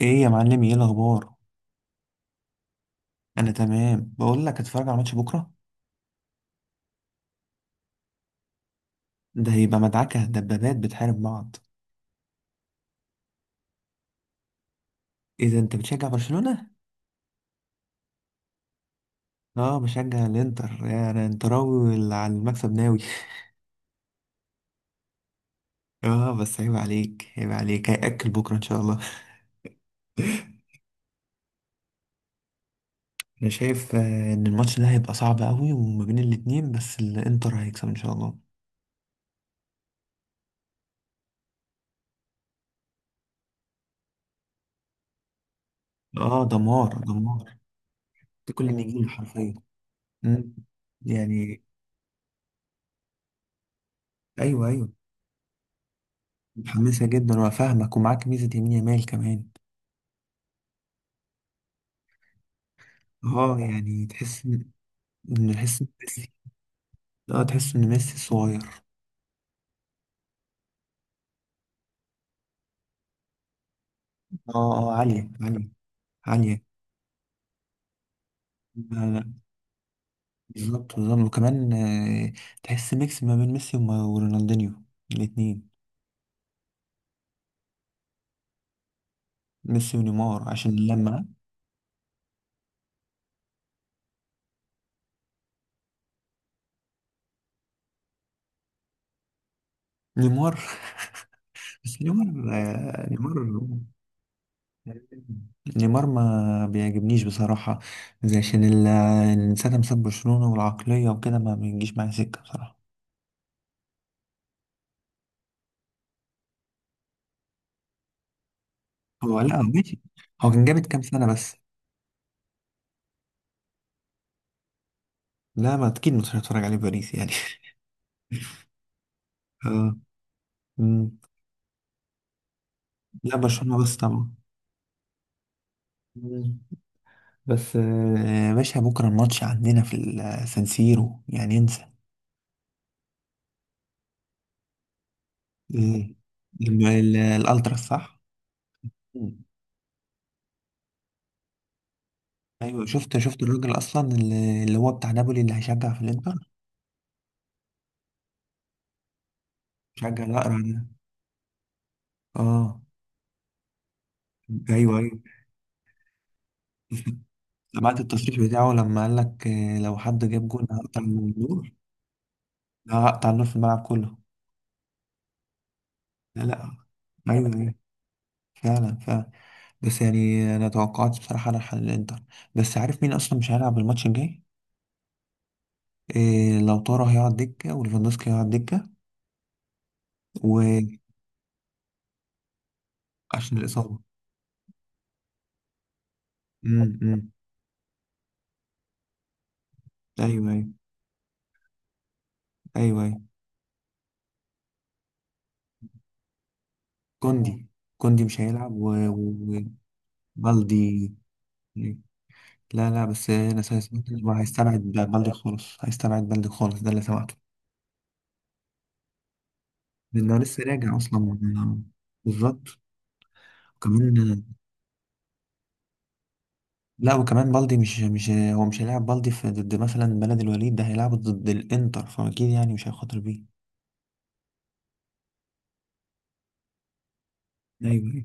ايه يا معلم، ايه الاخبار؟ انا تمام. بقول لك اتفرج على ماتش بكره. ده هيبقى مدعكه، دبابات بتحارب بعض. ايه ده؟ انت بتشجع برشلونه؟ اه، بشجع الانتر. يا انا انتراوي، واللي على المكسب ناوي. اه بس، عيب عليك عيب عليك، هياكل بكره ان شاء الله. انا شايف ان الماتش ده هيبقى صعب قوي وما بين الاتنين، بس الانتر هيكسب ان شاء الله. اه، دمار دمار. ده كل اللي يجيله حرفيا. مم. يعني. ايوه، ايوه. متحمسه جدا، وفاهمك ومعاك ميزه يمين يامال كمان. اه يعني، تحس ان، تحس ان ميسي. اه، تحس ان ميسي صغير. اه اه، عالية عالية عالية. لا لا. بالظبط بالظبط، وكمان تحس ميكس ما بين ميسي ورونالدينيو. الاتنين. ميسي ونيمار عشان لما. نيمار. بس نيمار، نيمار. نيمار ما بيعجبنيش بصراحة، زي عشان ساعة ما ساب برشلونة والعقلية وكده، ما بيجيش معايا سكة بصراحة. هو لا، ماشي. هو كان جامد كام سنة بس. لا، ما اكيد مش هتفرج عليه باريس يعني. اه. مم. لا برشلونة بس طبعا. مم. بس يا باشا، بكره الماتش عندنا في السانسيرو، يعني انسى. إيه؟ لما الالتراس، صح. مم. ايوه، شفت شفت الراجل اصلا اللي هو بتاع نابولي، اللي هيشجع في الانتر. شجع الاقرع ده. اه. ايوه ايوه. سمعت التصريح بتاعه لما قال لك، لو حد جاب جول هقطع من النور. هقطع النور في الملعب كله. لا لا. ايوه ايوه. فعلا فعلا. بس يعني انا توقعت بصراحه على حل الانتر. بس عارف مين اصلا مش هيلعب الماتش الجاي؟ إيه، لو طارا هيقعد دكه، وليفاندوسكي هيقعد دكه. وعشان الاصابه. امم امم ايوه ايوه. ايوه ايوه. كوندي. كوندي مش هيلعب. وبالدي. لا لا، بس انا سمعت إنه هيستبعد بالدي خالص، هيستبعد بالدي خالص، ده اللي سمعته. لانه لسه راجع اصلا. بالظبط. كمان. لا وكمان بالدي، مش هو مش هيلعب بالدي في ضد مثلا بلد الوليد ده هيلعبه ضد الانتر، فاكيد يعني مش هيخاطر بيه. ايوه ايوه.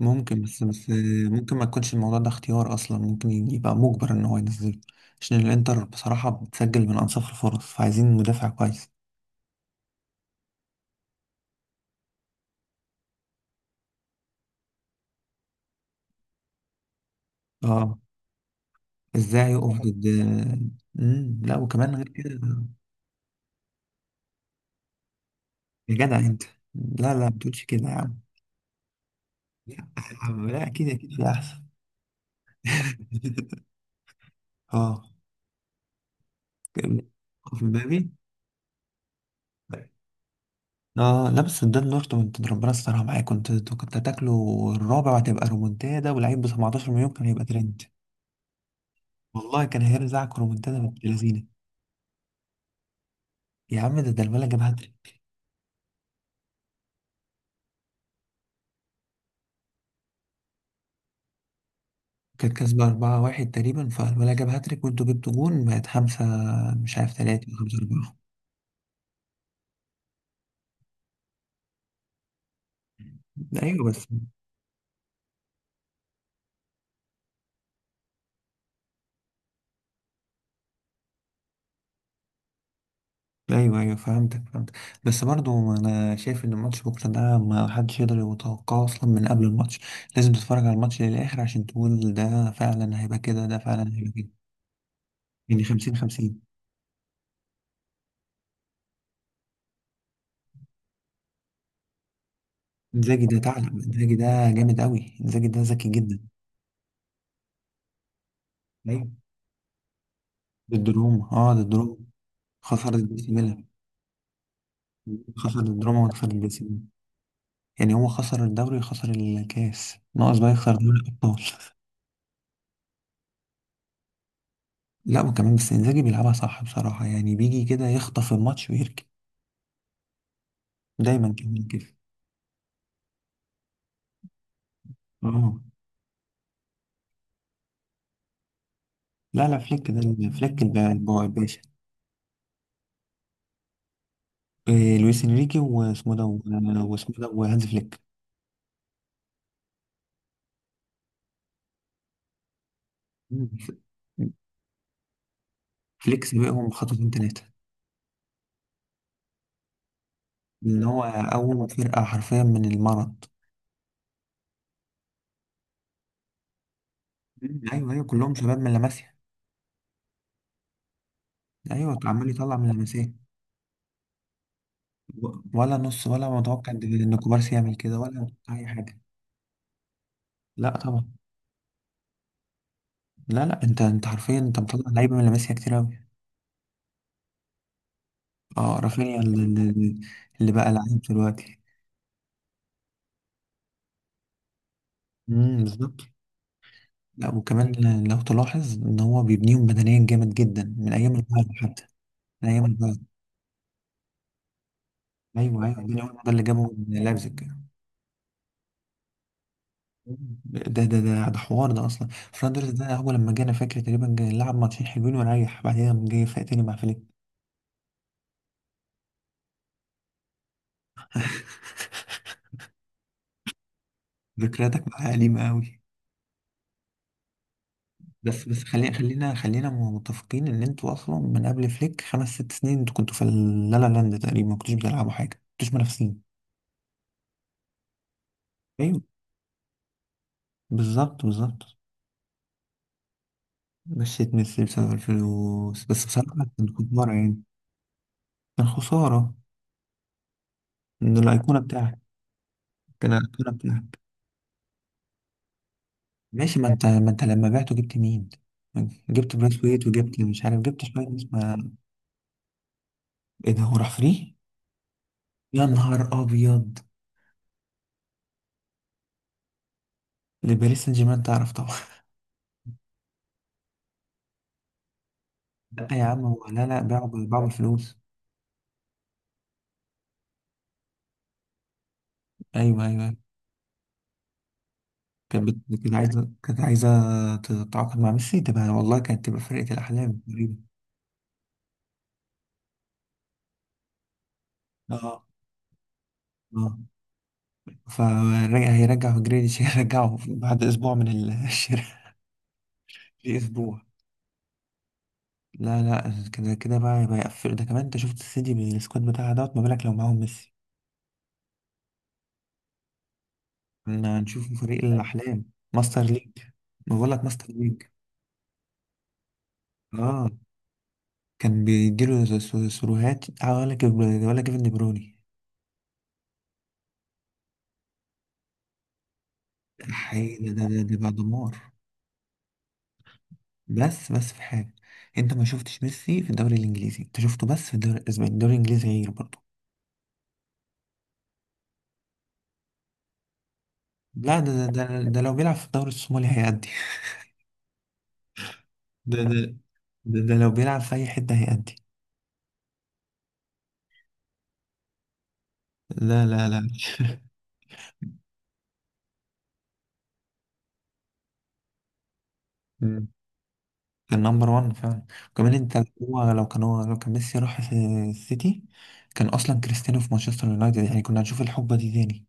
ممكن، بس بس ممكن ما يكونش الموضوع ده اختيار اصلا، ممكن يبقى مجبر ان هو ينزله عشان الانتر بصراحة بتسجل من انصاف الفرص، فعايزين مدافع كويس. اه. ازاي يقف ضد؟ لا وكمان غير كده. يا جدع انت. لا لا، ما تقولش كده يا عم. لا يا عم، لا اكيد اكيد في احسن. اه. كان- في مبابي. اه لا، بس قدام دورتموند ربنا استرها معايا، كنت هتاكله الرابع وهتبقى رومونتادا، واللعيب ب 17 مليون كان هيبقى ترند. والله كان هيرزعك رومونتادا بنت لذينه. يا عم، ده الولد جاب هاتريك. كانت كسبة 4-1 تقريبا، فالولد جاب هاتريك وانتوا جبتوا جون بقت خمسة. مش عارف تلاتة خمسة أربعة. أيوة بس. أيوه أيوه، فهمتك فهمتك. بس برضو أنا شايف إن الماتش بكرة ده ما حدش يقدر يتوقعه أصلا من قبل الماتش. لازم تتفرج على الماتش للآخر عشان تقول ده فعلا هيبقى كده، ده فعلا هيبقى كده. يعني 50 50. انزاجي ده ثعلب، انزاجي ده جامد قوي، انزاجي ده ذكي جدا. ايوه. ضد روما، اه، ضد روما. خسر ضد ميلان. خسر ضد روما وخسر ضد سي ميلان. يعني هو خسر الدوري وخسر الكاس، ناقص بقى يخسر دوري الابطال. لا وكمان، بس انزاجي بيلعبها صح بصراحه، يعني بيجي كده يخطف الماتش ويركن. دايما كمان كده. اه. لا لا، فليك ده، فليك الباشا. إيه، لويس انريكي، واسمه ده، وهانز فليك. مم. فليك سابقهم بخطوتين ثلاثه. اللي هو أول فرقة حرفيا من المرض. مم. أيوه أيوه، كلهم شباب من لاماسيا. أيوه، عمال يطلع من لاماسيا. ولا نص ولا متوقع إن كوبارسي يعمل كده ولا أي حاجة. لا طبعا. لا لا، أنت حرفيا، أنت مطلع لعيبة من لاماسيا كتير أوي. أه، رافينيا اللي، اللي اللي بقى لعيب دلوقتي. بالظبط. لا وكمان لو تلاحظ إن هو بيبنيهم بدنيا جامد جدا، من أيام البايرن حتى. من أيام البايرن. أيوه أيوه، داني أولمو ده اللي جابه من لايبزيج. ده حوار ده اصلا. فرايد رايس ده، هو لما جانا فاكر تقريبا جاي نلعب ماتشين حلوين ونريح، بعدين قام جاي فايق تاني مع فليك. ذكرياتك معاه قديمة قوي. بس خلينا متفقين ان انتوا اصلا من قبل فليك خمس ست سنين، انتوا كنتوا في اللا لا لاند تقريبا، ما كنتوش بتلعبوا حاجة، ما كنتوش منافسين. ايوه. بالظبط بالظبط. مشيت ميسي بسبب الفلوس، بس بصراحة كنت مرة يعني. كان خسارة. ان الايقونة بتاعك. كان الايقونة بتاعك. ماشي، ما انت لما بعته جبت مين؟ جبت بريس ويت، وجبت مش عارف، جبت شوية ناس، ما. ايه ده، هو راح فري؟ يا نهار ابيض. لباريس سان جيرمان، تعرف طبعا. لا يا عم، هو لا لا، باعوا باعوا بالفلوس. ايوه ايوه أيوه. كانت عايزه، كانت عايزه تتعاقد مع ميسي، تبقى والله كانت تبقى فرقه الاحلام تقريبا. اه اه. فرجع، هيرجع جريليش، هيرجعه بعد اسبوع من الشراء. في اسبوع. لا لا، كده كده بقى يبقى يقفل ده كمان، انت شفت السيتي بالسكواد بتاعها دوت، ما بالك لو معاهم ميسي. كنا هنشوف فريق الأحلام. ماستر ليج. ما بقول لك ماستر ليج. اه. كان بيديله سروهات، ولا ولا كيفن دي برويني. حقيقي ده بقى دمار. بس في حاجة. انت ما شفتش ميسي في الدوري الإنجليزي، انت شفته بس في الدوري الأسباني. الدوري الإنجليزي غير برضه. لا، ده لو بيلعب في الدوري الصومالي هيأدي. ده ده ده لو بيلعب في أي حتة هيأدي. لا لا لا. كان نمبر وان فعلا. وكمان انت، هو لو كان ميسي راح السيتي، كان اصلا كريستيانو في مانشستر يونايتد، يعني كنا هنشوف الحقبه دي تاني.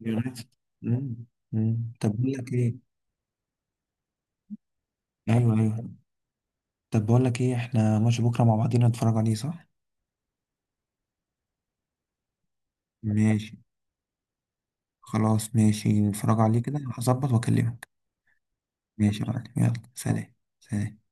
يونايتد. مم. مم. طب بقول لك ايه. ايوه ايوه. طب بقول لك ايه، احنا ماتش بكره مع بعضينا نتفرج عليه، صح؟ ماشي. خلاص ماشي، نتفرج عليه كده، هظبط واكلمك. ماشي يا معلم، يلا سلام. سلام.